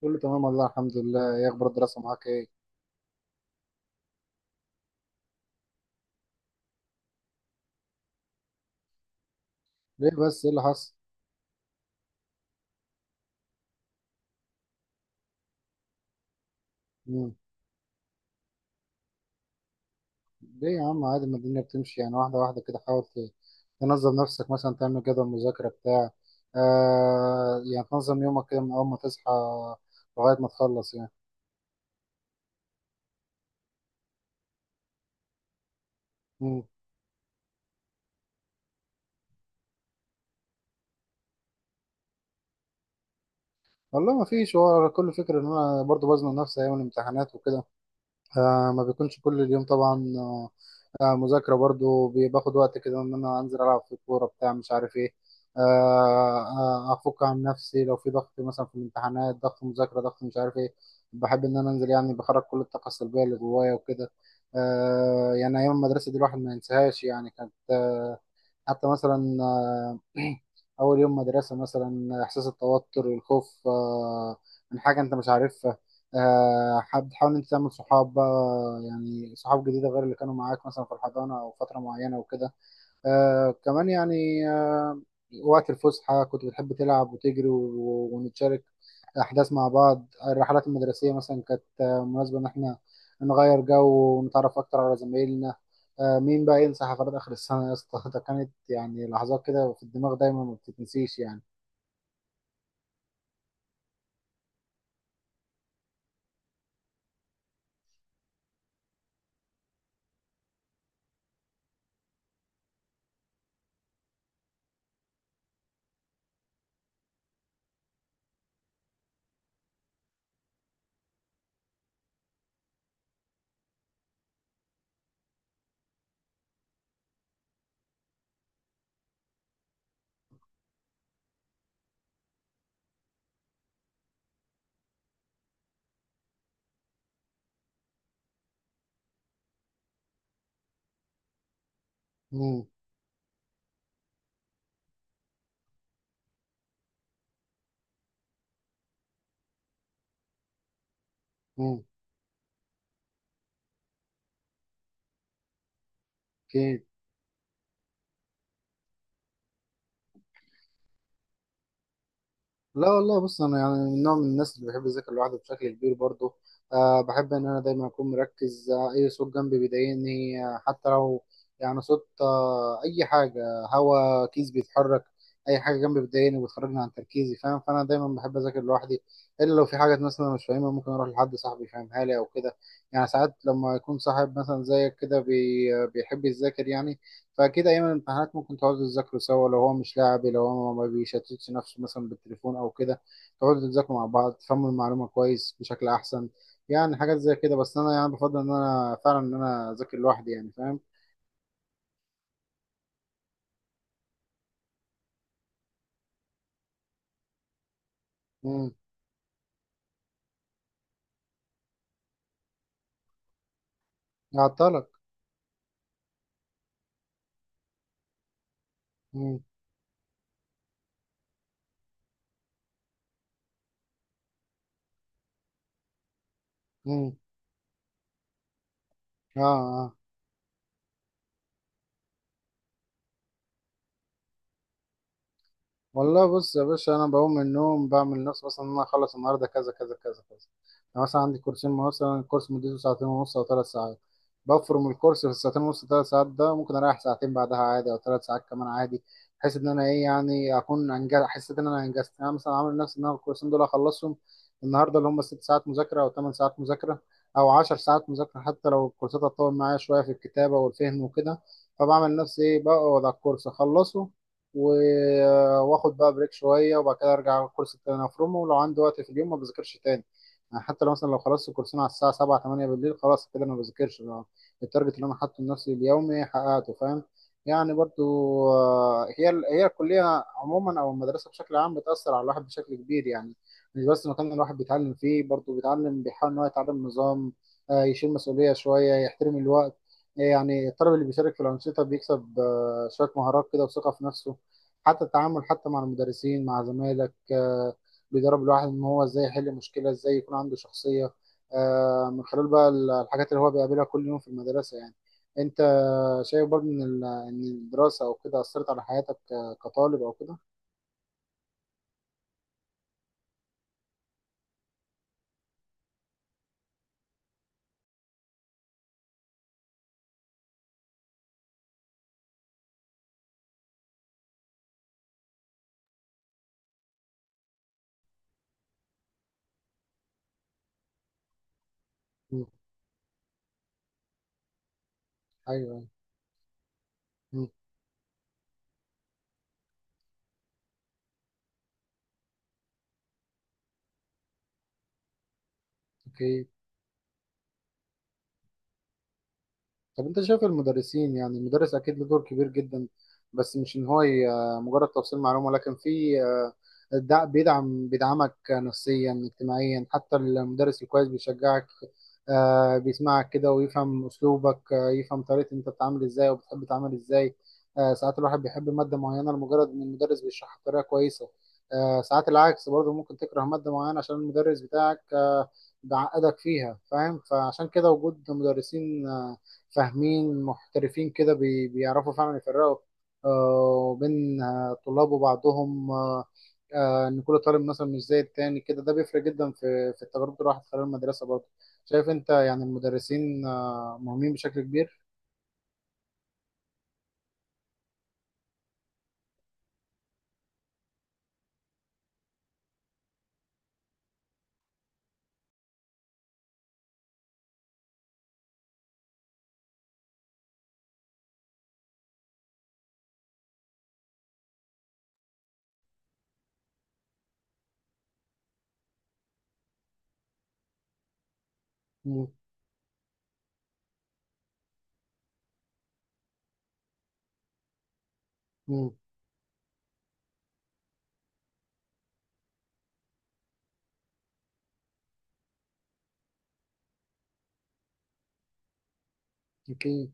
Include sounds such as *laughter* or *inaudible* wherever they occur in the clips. كله تمام والله الحمد لله. ايه اخبار الدراسه معاك؟ ايه ليه بس؟ ايه اللي حصل؟ مم. ليه يا عم؟ عادي، ما الدنيا بتمشي يعني واحده واحده كده. حاول تنظم نفسك، مثلا تعمل جدول مذاكره بتاع. يعني تنظم يومك كده من اول ما تصحى لغايه ما تخلص يعني. مم. والله ما فيش. هو كل فكره ان انا برضو بزنق نفسي ايام الامتحانات وكده. ما بيكونش كل اليوم طبعا. مذاكرة برضو باخد وقت كده، إن أنا أنزل ألعب في الكورة بتاع مش عارف إيه. آه أفك عن نفسي لو في ضغط، مثلا في الامتحانات ضغط مذاكرة ضغط مش عارف إيه. بحب إن أنا أنزل، يعني بخرج كل الطاقة السلبية اللي جوايا وكده. يعني أيام المدرسة دي الواحد ما ينساهاش يعني، كانت حتى مثلا *clears throat* أول يوم مدرسة مثلا، إحساس التوتر والخوف من حاجة أنت مش عارفها. حد حاول أنت تعمل صحاب بقى، يعني صحاب جديدة غير اللي كانوا معاك مثلا في الحضانة أو فترة معينة وكده. كمان يعني. آه وقت الفسحة كنت بتحب تلعب وتجري ونتشارك أحداث مع بعض. الرحلات المدرسية مثلا كانت مناسبة إن إحنا نغير جو ونتعرف أكتر على زمايلنا. مين بقى ينسى حفلات آخر السنة يا اسطى؟ *laughs* ده كانت يعني لحظات كده في الدماغ دايما ما بتتنسيش يعني. مم، مم، أكيد. لا والله، بص انا يعني من نوع من الناس اللي بحب اذاكر لوحده بشكل كبير برضه. أه، بحب ان انا دايما اكون مركز، اي صوت جنبي بيضايقني، حتى لو يعني صوت، اي حاجه، هوا كيس بيتحرك، اي حاجه جنبي بتضايقني وبتخرجني عن تركيزي، فاهم؟ فانا دايما بحب اذاكر لوحدي، الا لو في حاجه مثلا أنا مش فاهمها ممكن اروح لحد صاحبي يفهمها لي او كده. يعني ساعات لما يكون صاحب مثلا زيك كده بيحب يذاكر يعني، فأكيد أيام الامتحانات ممكن تقعدوا تذاكروا سوا، لو هو مش لاعب، لو هو ما بيشتتش نفسه مثلا بالتليفون أو كده، تقعدوا تذاكروا مع بعض تفهموا المعلومة كويس بشكل أحسن. يعني حاجات زي كده. بس أنا يعني بفضل إن أنا فعلا إن أنا أذاكر لوحدي، يعني فاهم؟ امم هعطلك. امم امم آه آه. والله بص يا باشا، انا بقوم من النوم بعمل نفسي مثلا ان انا اخلص النهارده كذا كذا كذا كذا. انا مثلا عندي كورسين، مثلا الكورس مدته ساعتين ونص او 3 ساعات، بفرم الكورس في الساعتين ونص 3 ساعات ده، ممكن اريح ساعتين بعدها عادي او 3 ساعات كمان عادي، بحيث ان انا ايه يعني اكون انجز، حسيت ان انا انجزت. يعني انا مثلا عامل نفسي ان انا الكورسين دول اخلصهم النهارده، اللي هم 6 ساعات مذاكره او 8 ساعات مذاكره او 10 ساعات مذاكره، حتى لو الكورسات هتطول معايا شويه في الكتابه والفهم وكده. فبعمل نفسي ايه، بقعد على الكورس اخلصه واخد بقى بريك شويه، وبعد كده ارجع على الكورس التاني افرمه، ولو عندي وقت في اليوم ما بذاكرش تاني. يعني حتى لو مثلا لو خلصت الكورسين على الساعه 7 8 بالليل، خلاص كده انا ما بذاكرش لو التارجت اللي انا حاطه لنفسي اليومي حققته، فاهم؟ يعني برضو، هي الكليه عموما او المدرسه بشكل عام بتاثر على الواحد بشكل كبير يعني. مش بس المكان اللي الواحد بيتعلم فيه، برضو بيتعلم، بيحاول ان هو يتعلم نظام، يشيل مسؤوليه شويه، يحترم الوقت. يعني الطالب اللي بيشارك في الانشطه بيكسب شويه مهارات كده وثقه في نفسه، حتى التعامل حتى مع المدرسين مع زمايلك، بيدرب الواحد ان هو ازاي يحل مشكله، ازاي يكون عنده شخصيه، من خلال بقى الحاجات اللي هو بيقابلها كل يوم في المدرسه يعني. انت شايف برضه ان ان الدراسه او كده اثرت على حياتك، كطالب او كده؟ مم. ايوه أيوة. مم. اوكي. طب انت شايف المدرسين؟ يعني المدرس اكيد له دور كبير جدا، بس مش ان هو مجرد توصيل معلومه، لكن في بيدعمك نفسيا اجتماعيا. حتى المدرس الكويس بيشجعك، بيسمعك كده ويفهم اسلوبك، يفهم طريقه انت بتتعامل ازاي وبتحب تتعامل ازاي. ساعات الواحد بيحب ماده معينه لمجرد ان المدرس بيشرحها بطريقه كويسه. ساعات العكس برضه، ممكن تكره ماده معينه عشان المدرس بتاعك، بيعقدك فيها، فاهم؟ فعشان كده وجود مدرسين فاهمين محترفين كده بيعرفوا فعلا يفرقوا، بين طلاب وبعضهم، ان كل طالب مثلا مش زي التاني كده، ده بيفرق جدا في تجربة الواحد خلال المدرسة برضه. شايف انت يعني المدرسين مهمين بشكل كبير؟ مم، مم، اكيد.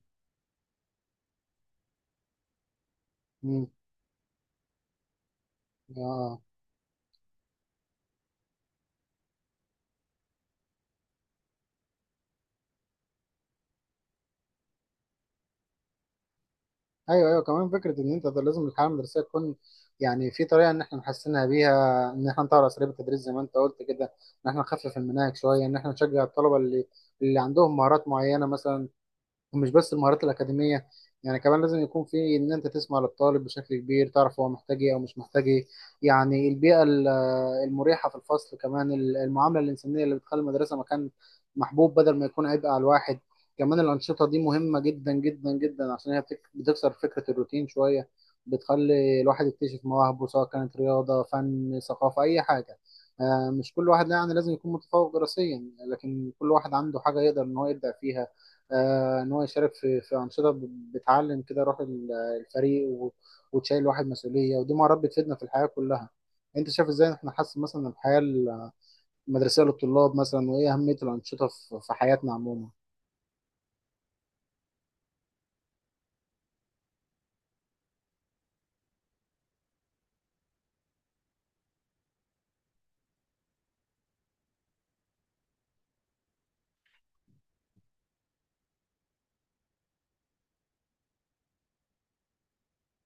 مم، آه. ايوه ايوه كمان، فكره ان انت ده، لازم الحاله المدرسيه تكون، يعني في طريقه ان احنا نحسنها بيها، ان احنا نطور اساليب التدريس زي ما انت قلت كده، ان احنا نخفف المناهج شويه، ان احنا نشجع الطلبه اللي عندهم مهارات معينه مثلا، ومش بس المهارات الأكاديمية. يعني كمان لازم يكون في إن أنت تسمع للطالب بشكل كبير، تعرف هو محتاج إيه أو مش محتاج إيه. يعني المريحة في الفصل، كمان المعاملة الإنسانية اللي بتخلي المدرسة مكان محبوب بدل ما يكون عبء على الواحد. كمان الأنشطة دي مهمة جدا جدا جدا، عشان هي بتكسر فكرة الروتين شوية، بتخلي الواحد يكتشف مواهبه سواء كانت رياضة، فن، ثقافة، أي حاجة. مش كل واحد يعني لازم يكون متفوق دراسيا، لكن كل واحد عنده حاجة يقدر إن هو يبدع فيها، ان هو يشارك في انشطه، بتعلم كده روح الفريق، وتشيل الواحد مسؤوليه، ودي مهارات بتفيدنا في الحياه كلها. انت شايف ازاي احنا نحسن مثلا الحياه المدرسيه للطلاب مثلا؟ وايه اهميه الانشطه في حياتنا عموما؟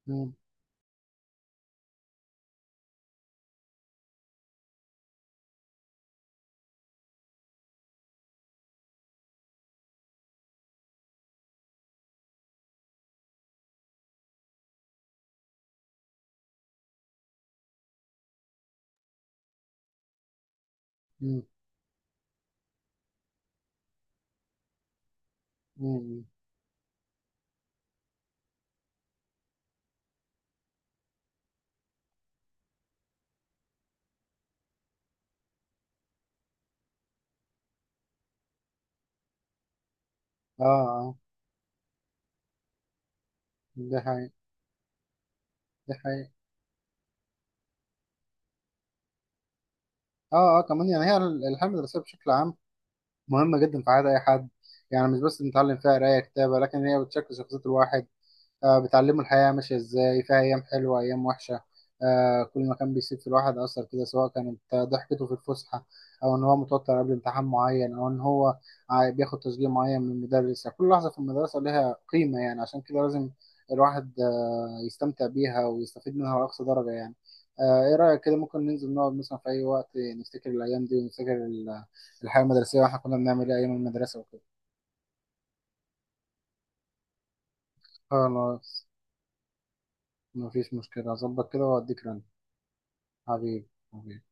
مم، مم، مم. اه اه، ده حقيقي. ده حقيقي. اه اه. كمان يعني هي الحياه المدرسيه بشكل عام مهمه جدا في حياه اي حد، يعني مش بس بنتعلم فيها قرايه كتابه، لكن هي بتشكل شخصيه الواحد. بتعلمه الحياة ماشية ازاي، فيها أيام حلوة أيام وحشة. كل ما كان بيسيب في الواحد أثر كده، سواء كانت ضحكته في الفسحة، أو إن هو متوتر قبل امتحان معين، أو إن هو بياخد تشجيع معين من المدرس. يعني كل لحظة في المدرسة لها قيمة، يعني عشان كده لازم الواحد يستمتع بيها ويستفيد منها لأقصى درجة يعني. إيه رأيك كده، ممكن ننزل نقعد مثلا في أي وقت نفتكر الأيام دي، ونفتكر الحياة المدرسية وإحنا كنا بنعمل إيه أيام المدرسة وكده؟ خلاص مفيش مشكلة، أظبط كده وأديك رن. حبيبي حبيبي.